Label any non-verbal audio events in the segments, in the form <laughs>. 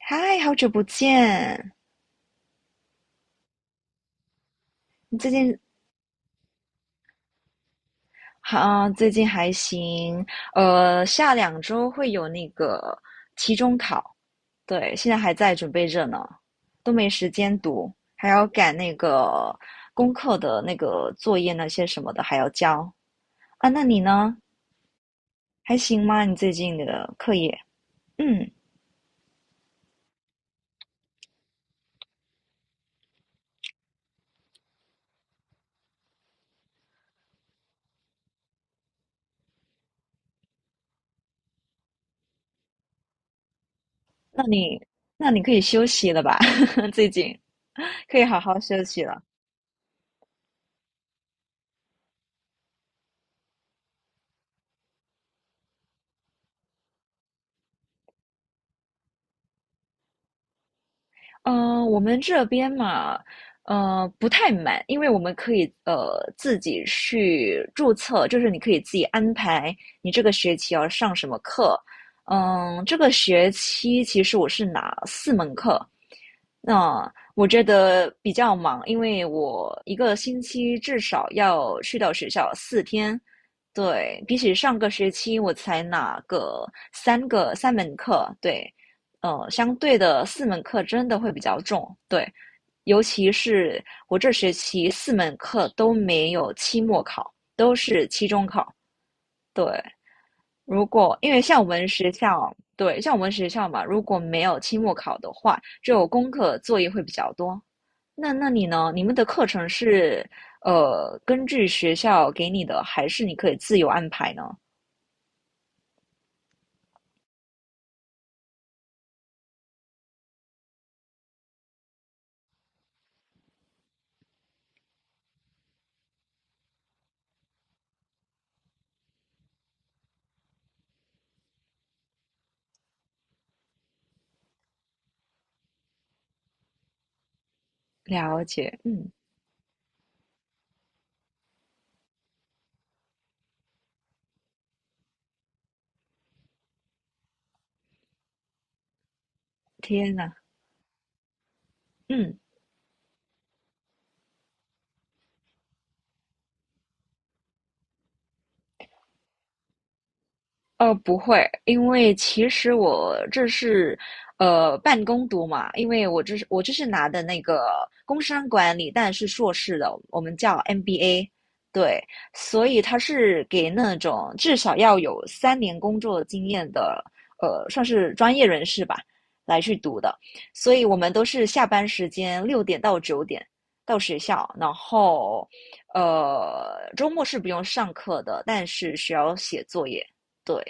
嗨，好久不见！你最近好，最近还行。下2周会有那个期中考，对，现在还在准备着呢，都没时间读，还要赶那个功课的那个作业那些什么的还要交啊。那你呢？还行吗？你最近的课业？嗯，那你那你可以休息了吧？<laughs> 最近可以好好休息了。嗯，我们这边嘛，不太满，因为我们可以自己去注册，就是你可以自己安排你这个学期要上什么课。嗯，这个学期其实我是拿四门课，那我觉得比较忙，因为我一个星期至少要去到学校4天。对，比起上个学期我才拿个3门课，对，相对的四门课真的会比较重，对，尤其是我这学期四门课都没有期末考，都是期中考，对。如果因为像我们学校，对，像我们学校嘛，如果没有期末考的话，就功课作业会比较多。那你呢？你们的课程是根据学校给你的，还是你可以自由安排呢？了解，嗯，天呐，嗯。不会，因为其实我这是半工读嘛，因为我这是拿的那个工商管理，但是硕士的，我们叫 MBA，对，所以他是给那种至少要有3年工作经验的，算是专业人士吧，来去读的，所以我们都是下班时间6点到9点到学校，然后周末是不用上课的，但是需要写作业。对，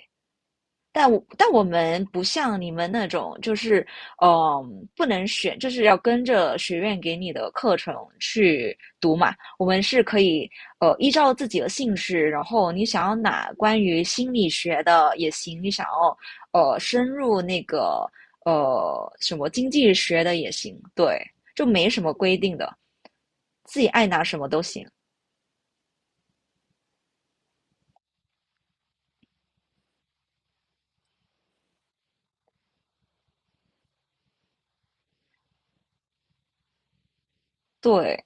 但我们不像你们那种，就是嗯、呃不能选，就是要跟着学院给你的课程去读嘛。我们是可以依照自己的兴趣，然后你想要哪关于心理学的也行，你想要深入那个什么经济学的也行，对，就没什么规定的，自己爱拿什么都行。对，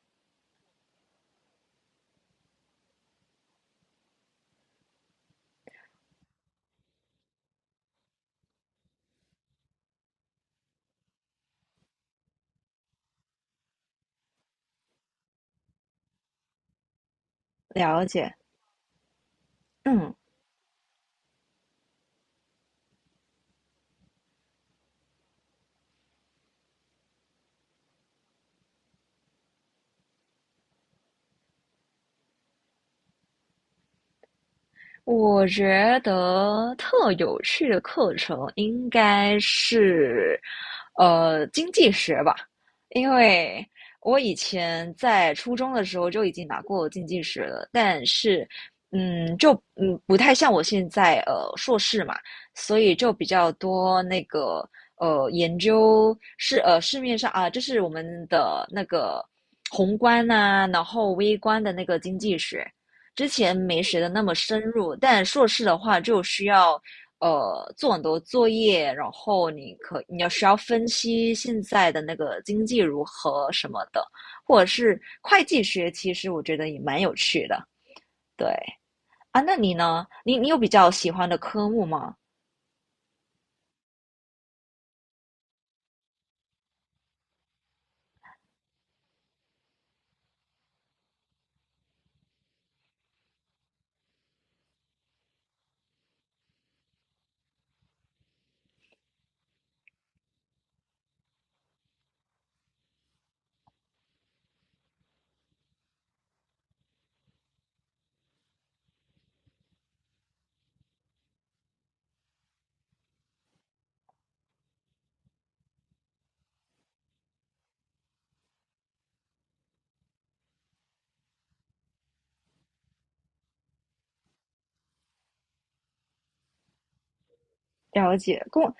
了解，嗯。我觉得特有趣的课程应该是经济学吧，因为我以前在初中的时候就已经拿过经济学了，但是，嗯，就不太像我现在硕士嘛，所以就比较多那个研究市面上啊，就是我们的那个宏观啊，然后微观的那个经济学。之前没学的那么深入，但硕士的话就需要做很多作业，然后你要需要分析现在的那个经济如何什么的，或者是会计学，其实我觉得也蛮有趣的。对啊，那你呢？你有比较喜欢的科目吗？了解，跟我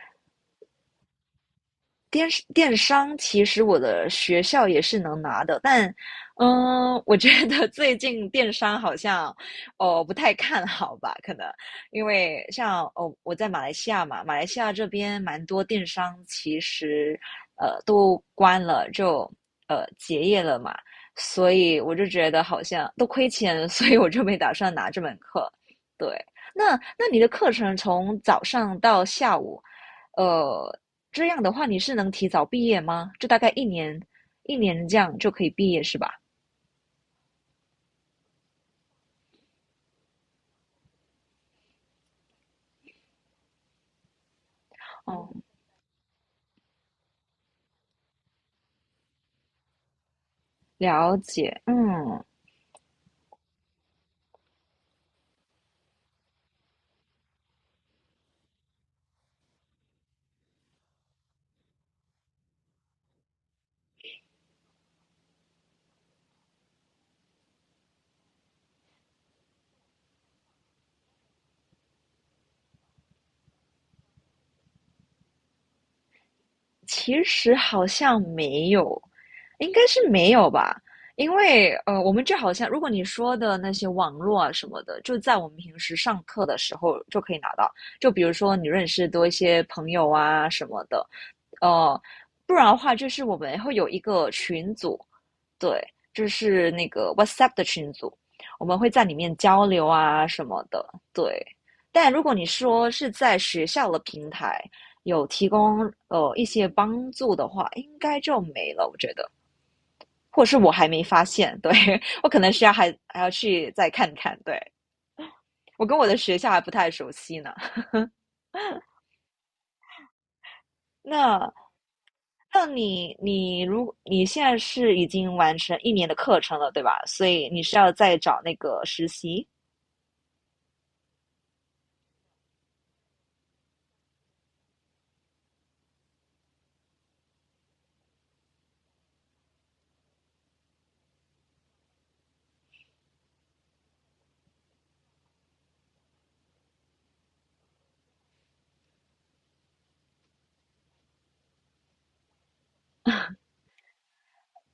电商其实我的学校也是能拿的，但，嗯，我觉得 <laughs> 最近电商好像，哦，不太看好吧？可能因为像哦，我在马来西亚嘛，马来西亚这边蛮多电商其实，都关了，就结业了嘛，所以我就觉得好像都亏钱，<laughs> 所以我就没打算拿这门课。对，那那你的课程从早上到下午，呃，这样的话，你是能提早毕业吗？就大概一年，一年这样就可以毕业是吧？哦，了解。嗯，其实好像没有，应该是没有吧。因为我们就好像如果你说的那些网络啊什么的，就在我们平时上课的时候就可以拿到。就比如说你认识多一些朋友啊什么的，呃，不然的话就是我们会有一个群组，对，就是那个 WhatsApp 的群组，我们会在里面交流啊什么的。对，但如果你说是在学校的平台有提供一些帮助的话，应该就没了，我觉得，或者是我还没发现，对，<laughs> 我可能需要还要去再看看。对，我跟我的学校还不太熟悉呢。那那你如你现在是已经完成一年的课程了，对吧？所以你是要再找那个实习。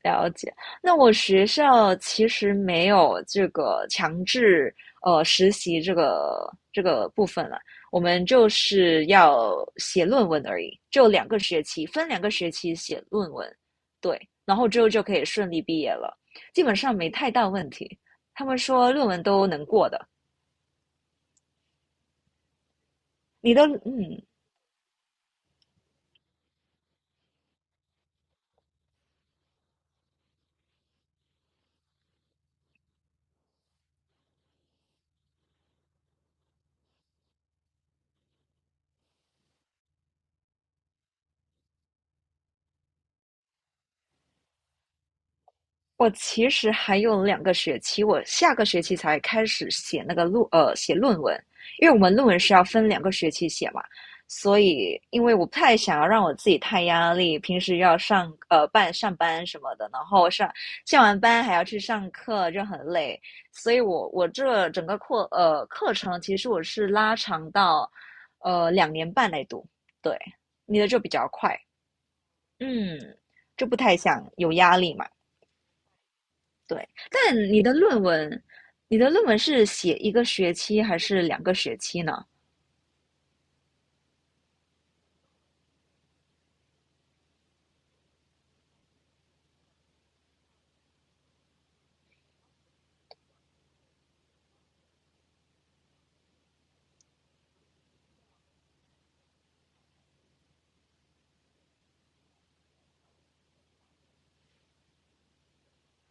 了解，那我学校其实没有这个强制实习这个部分了，我们就是要写论文而已，就两个学期，分两个学期写论文，对，然后之后就可以顺利毕业了，基本上没太大问题。他们说论文都能过的，你都我其实还有两个学期，我下个学期才开始写论文，因为我们论文是要分两个学期写嘛，所以因为我不太想要让我自己太压力，平时要上班什么的，然后上下完班还要去上课，就很累，所以我这整个课程其实我是拉长到2年半来读，对，你的就比较快，嗯，就不太想有压力嘛。对，但你的论文，你的论文是写一个学期还是两个学期呢？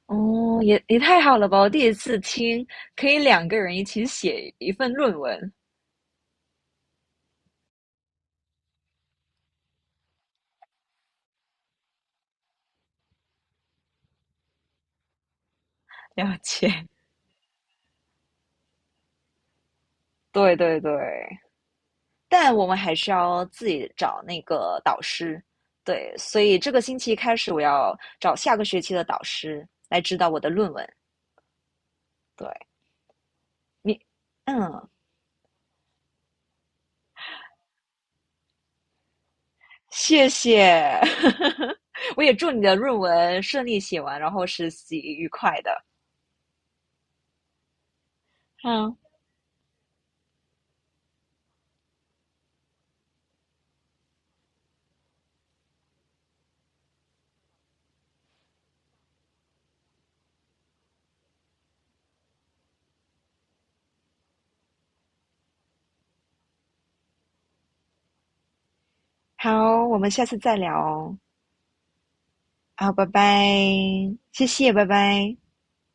哦，也太好了吧！我第一次听可以2个人一起写一份论文，了解。<laughs> 对对对，但我们还是要自己找那个导师。对，所以这个星期开始，我要找下个学期的导师来指导我的论文。对你，嗯，谢谢，<laughs> 我也祝你的论文顺利写完，然后实习愉快的。嗯，好，我们下次再聊哦。好，拜拜，谢谢，拜拜。